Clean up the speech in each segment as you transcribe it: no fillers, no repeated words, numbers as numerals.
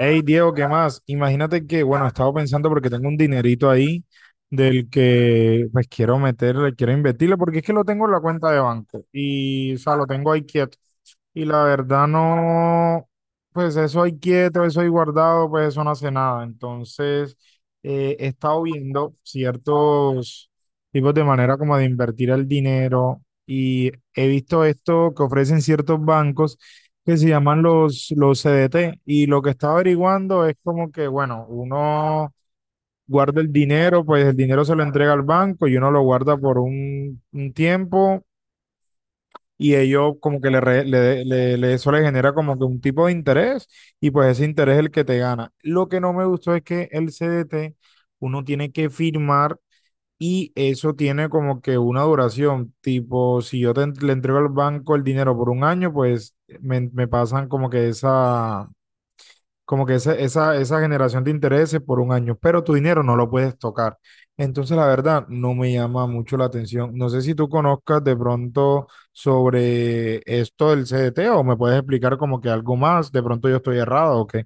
Hey Diego, ¿qué más? Imagínate que, bueno, estaba pensando porque tengo un dinerito ahí del que pues quiero meterle, quiero invertirle, porque es que lo tengo en la cuenta de banco y, o sea, lo tengo ahí quieto. Y la verdad no, pues eso ahí quieto, eso ahí guardado, pues eso no hace nada. Entonces, he estado viendo ciertos tipos de manera como de invertir el dinero y he visto esto que ofrecen ciertos bancos que se llaman los CDT. Y lo que está averiguando es como que, bueno, uno guarda el dinero, pues el dinero se lo entrega al banco y uno lo guarda por un tiempo y ellos como que le eso le genera como que un tipo de interés y pues ese interés es el que te gana. Lo que no me gustó es que el CDT uno tiene que firmar. Y eso tiene como que una duración, tipo, si yo le entrego al banco el dinero por un año, pues me pasan como que esa, como que esa generación de intereses por un año, pero tu dinero no lo puedes tocar. Entonces, la verdad, no me llama mucho la atención. No sé si tú conozcas de pronto sobre esto del CDT o me puedes explicar como que algo más, de pronto yo estoy errado o qué.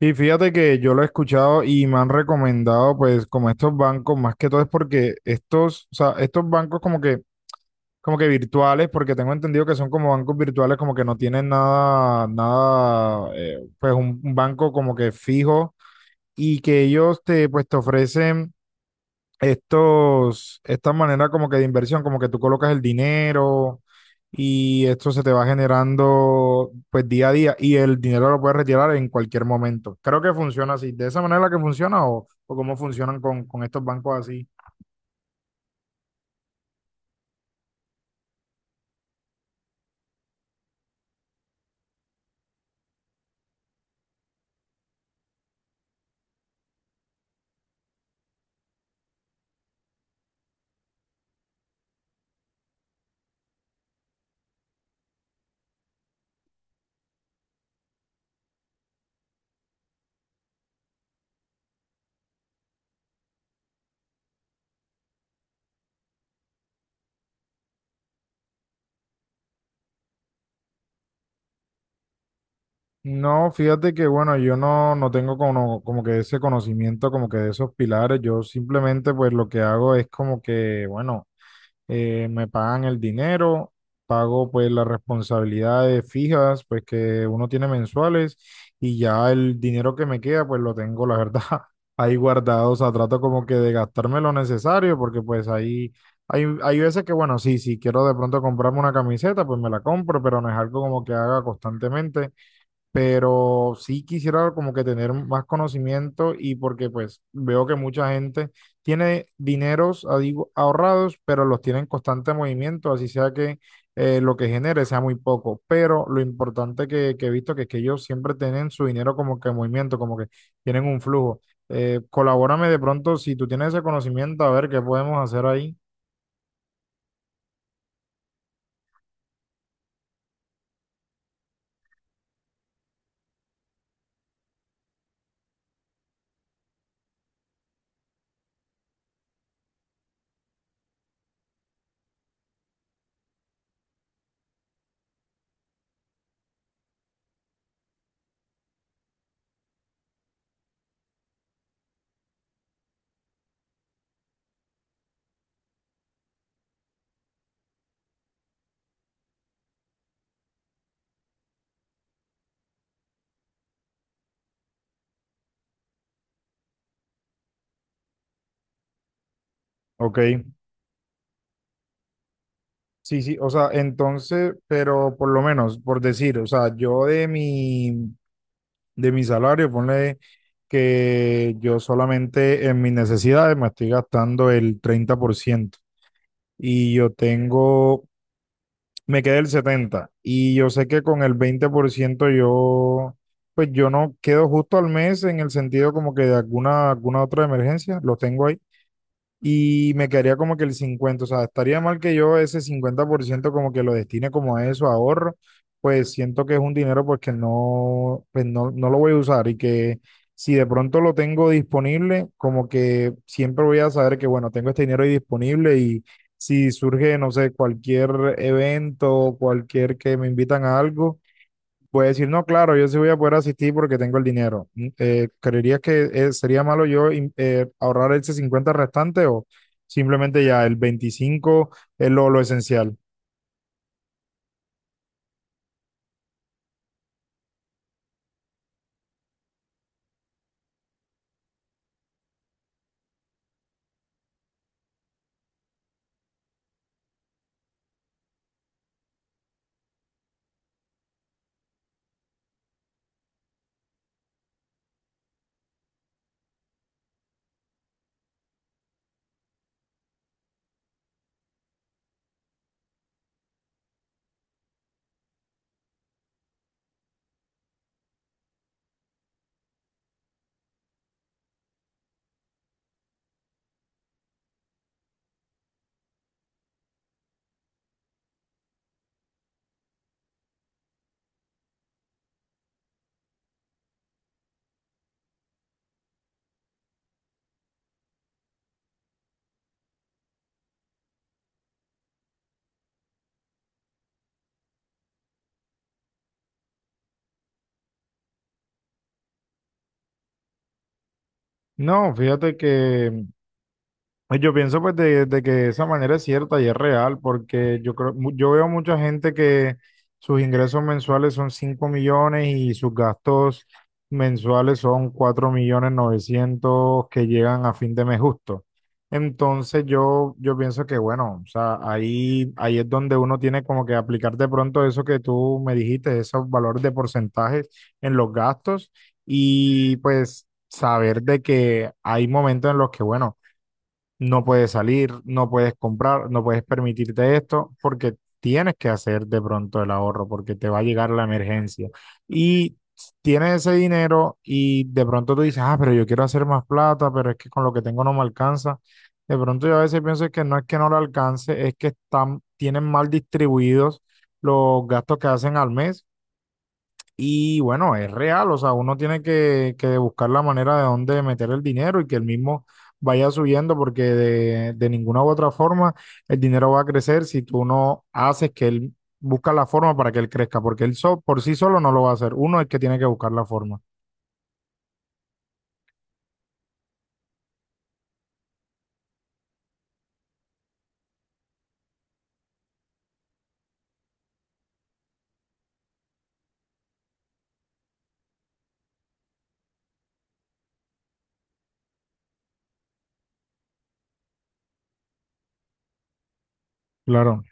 Y fíjate que yo lo he escuchado y me han recomendado, pues, como estos bancos, más que todo es porque estos, o sea, estos bancos como que virtuales, porque tengo entendido que son como bancos virtuales, como que no tienen nada, pues un banco como que fijo y que ellos te, pues te ofrecen estos, esta manera como que de inversión, como que tú colocas el dinero y esto se te va generando pues día a día y el dinero lo puedes retirar en cualquier momento. Creo que funciona así, de esa manera que funciona o cómo funcionan con estos bancos así. No, fíjate que bueno, yo no tengo como, como que ese conocimiento, como que de esos pilares, yo simplemente pues lo que hago es como que, bueno, me pagan el dinero, pago pues las responsabilidades fijas, pues que uno tiene mensuales y ya el dinero que me queda pues lo tengo, la verdad, ahí guardado, o sea, trato como que de gastarme lo necesario porque pues ahí... Hay veces que, bueno, sí, si quiero de pronto comprarme una camiseta, pues me la compro, pero no es algo como que haga constantemente, pero sí quisiera como que tener más conocimiento y porque pues veo que mucha gente tiene dineros ah, digo, ahorrados, pero los tiene en constante movimiento, así sea que lo que genere sea muy poco, pero lo importante que he visto que es que ellos siempre tienen su dinero como que en movimiento, como que tienen un flujo. Colabórame de pronto si tú tienes ese conocimiento, a ver qué podemos hacer ahí. Ok, sí, sí, o sea, entonces, pero por lo menos, por decir, o sea, yo de mi salario, ponle que yo solamente en mis necesidades me estoy gastando el 30% y yo tengo, me queda el 70% y yo sé que con el 20% yo, pues yo no quedo justo al mes en el sentido como que de alguna, alguna otra emergencia, lo tengo ahí y me quedaría como que el 50, o sea, estaría mal que yo ese 50% como que lo destine como a eso, a ahorro, pues siento que es un dinero pues que no, pues no, no lo voy a usar y que si de pronto lo tengo disponible, como que siempre voy a saber que bueno, tengo este dinero ahí disponible y si surge, no sé, cualquier evento, cualquier que me invitan a algo. Puede decir, no, claro, yo sí voy a poder asistir porque tengo el dinero. Mm. ¿Creerías que sería malo yo ahorrar ese 50 restante o simplemente ya el 25 es lo esencial? No, fíjate que, pues yo pienso pues de que esa manera es cierta y es real, porque yo creo, yo veo mucha gente que sus ingresos mensuales son 5 millones y sus gastos mensuales son 4 millones novecientos que llegan a fin de mes justo. Entonces yo pienso que bueno, o sea, ahí es donde uno tiene como que aplicar de pronto eso que tú me dijiste, esos valores de porcentajes en los gastos y pues saber de que hay momentos en los que bueno, no puedes salir, no puedes comprar, no puedes permitirte esto porque tienes que hacer de pronto el ahorro porque te va a llegar la emergencia. Y tienes ese dinero y de pronto tú dices, ah, pero yo quiero hacer más plata, pero es que con lo que tengo no me alcanza. De pronto yo a veces pienso que no es que no lo alcance, es que están, tienen mal distribuidos los gastos que hacen al mes y bueno, es real, o sea, uno tiene que buscar la manera de dónde meter el dinero y que el mismo vaya subiendo, porque de ninguna u otra forma el dinero va a crecer si tú no haces que él busca la forma para que él crezca, porque por sí solo no lo va a hacer. Uno es que tiene que buscar la forma. Claro.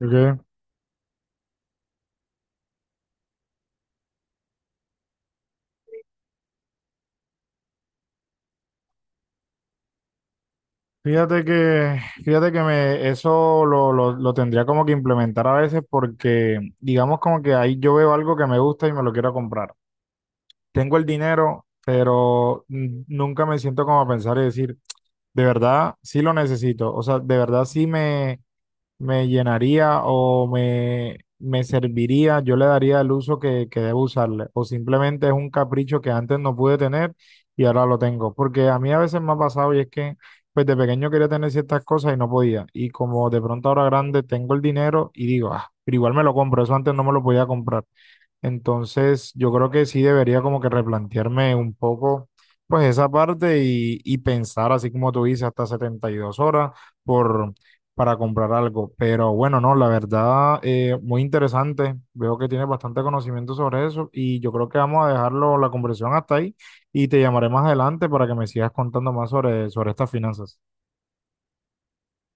Ok. Fíjate que me, eso lo tendría como que implementar a veces porque digamos como que ahí yo veo algo que me gusta y me lo quiero comprar. Tengo el dinero, pero mm, nunca me siento como a pensar y decir, de verdad sí lo necesito, o sea, de verdad sí me llenaría o me serviría, yo le daría el uso que debo usarle, o simplemente es un capricho que antes no pude tener y ahora lo tengo, porque a mí a veces me ha pasado y es que pues de pequeño quería tener ciertas cosas y no podía, y como de pronto ahora grande tengo el dinero y digo, ah, pero igual me lo compro, eso antes no me lo podía comprar. Entonces, yo creo que sí debería como que replantearme un poco, pues esa parte y pensar, así como tú dices, hasta 72 horas por, para comprar algo. Pero bueno, no, la verdad, muy interesante. Veo que tienes bastante conocimiento sobre eso y yo creo que vamos a dejarlo la conversación hasta ahí y te llamaré más adelante para que me sigas contando más sobre, sobre estas finanzas.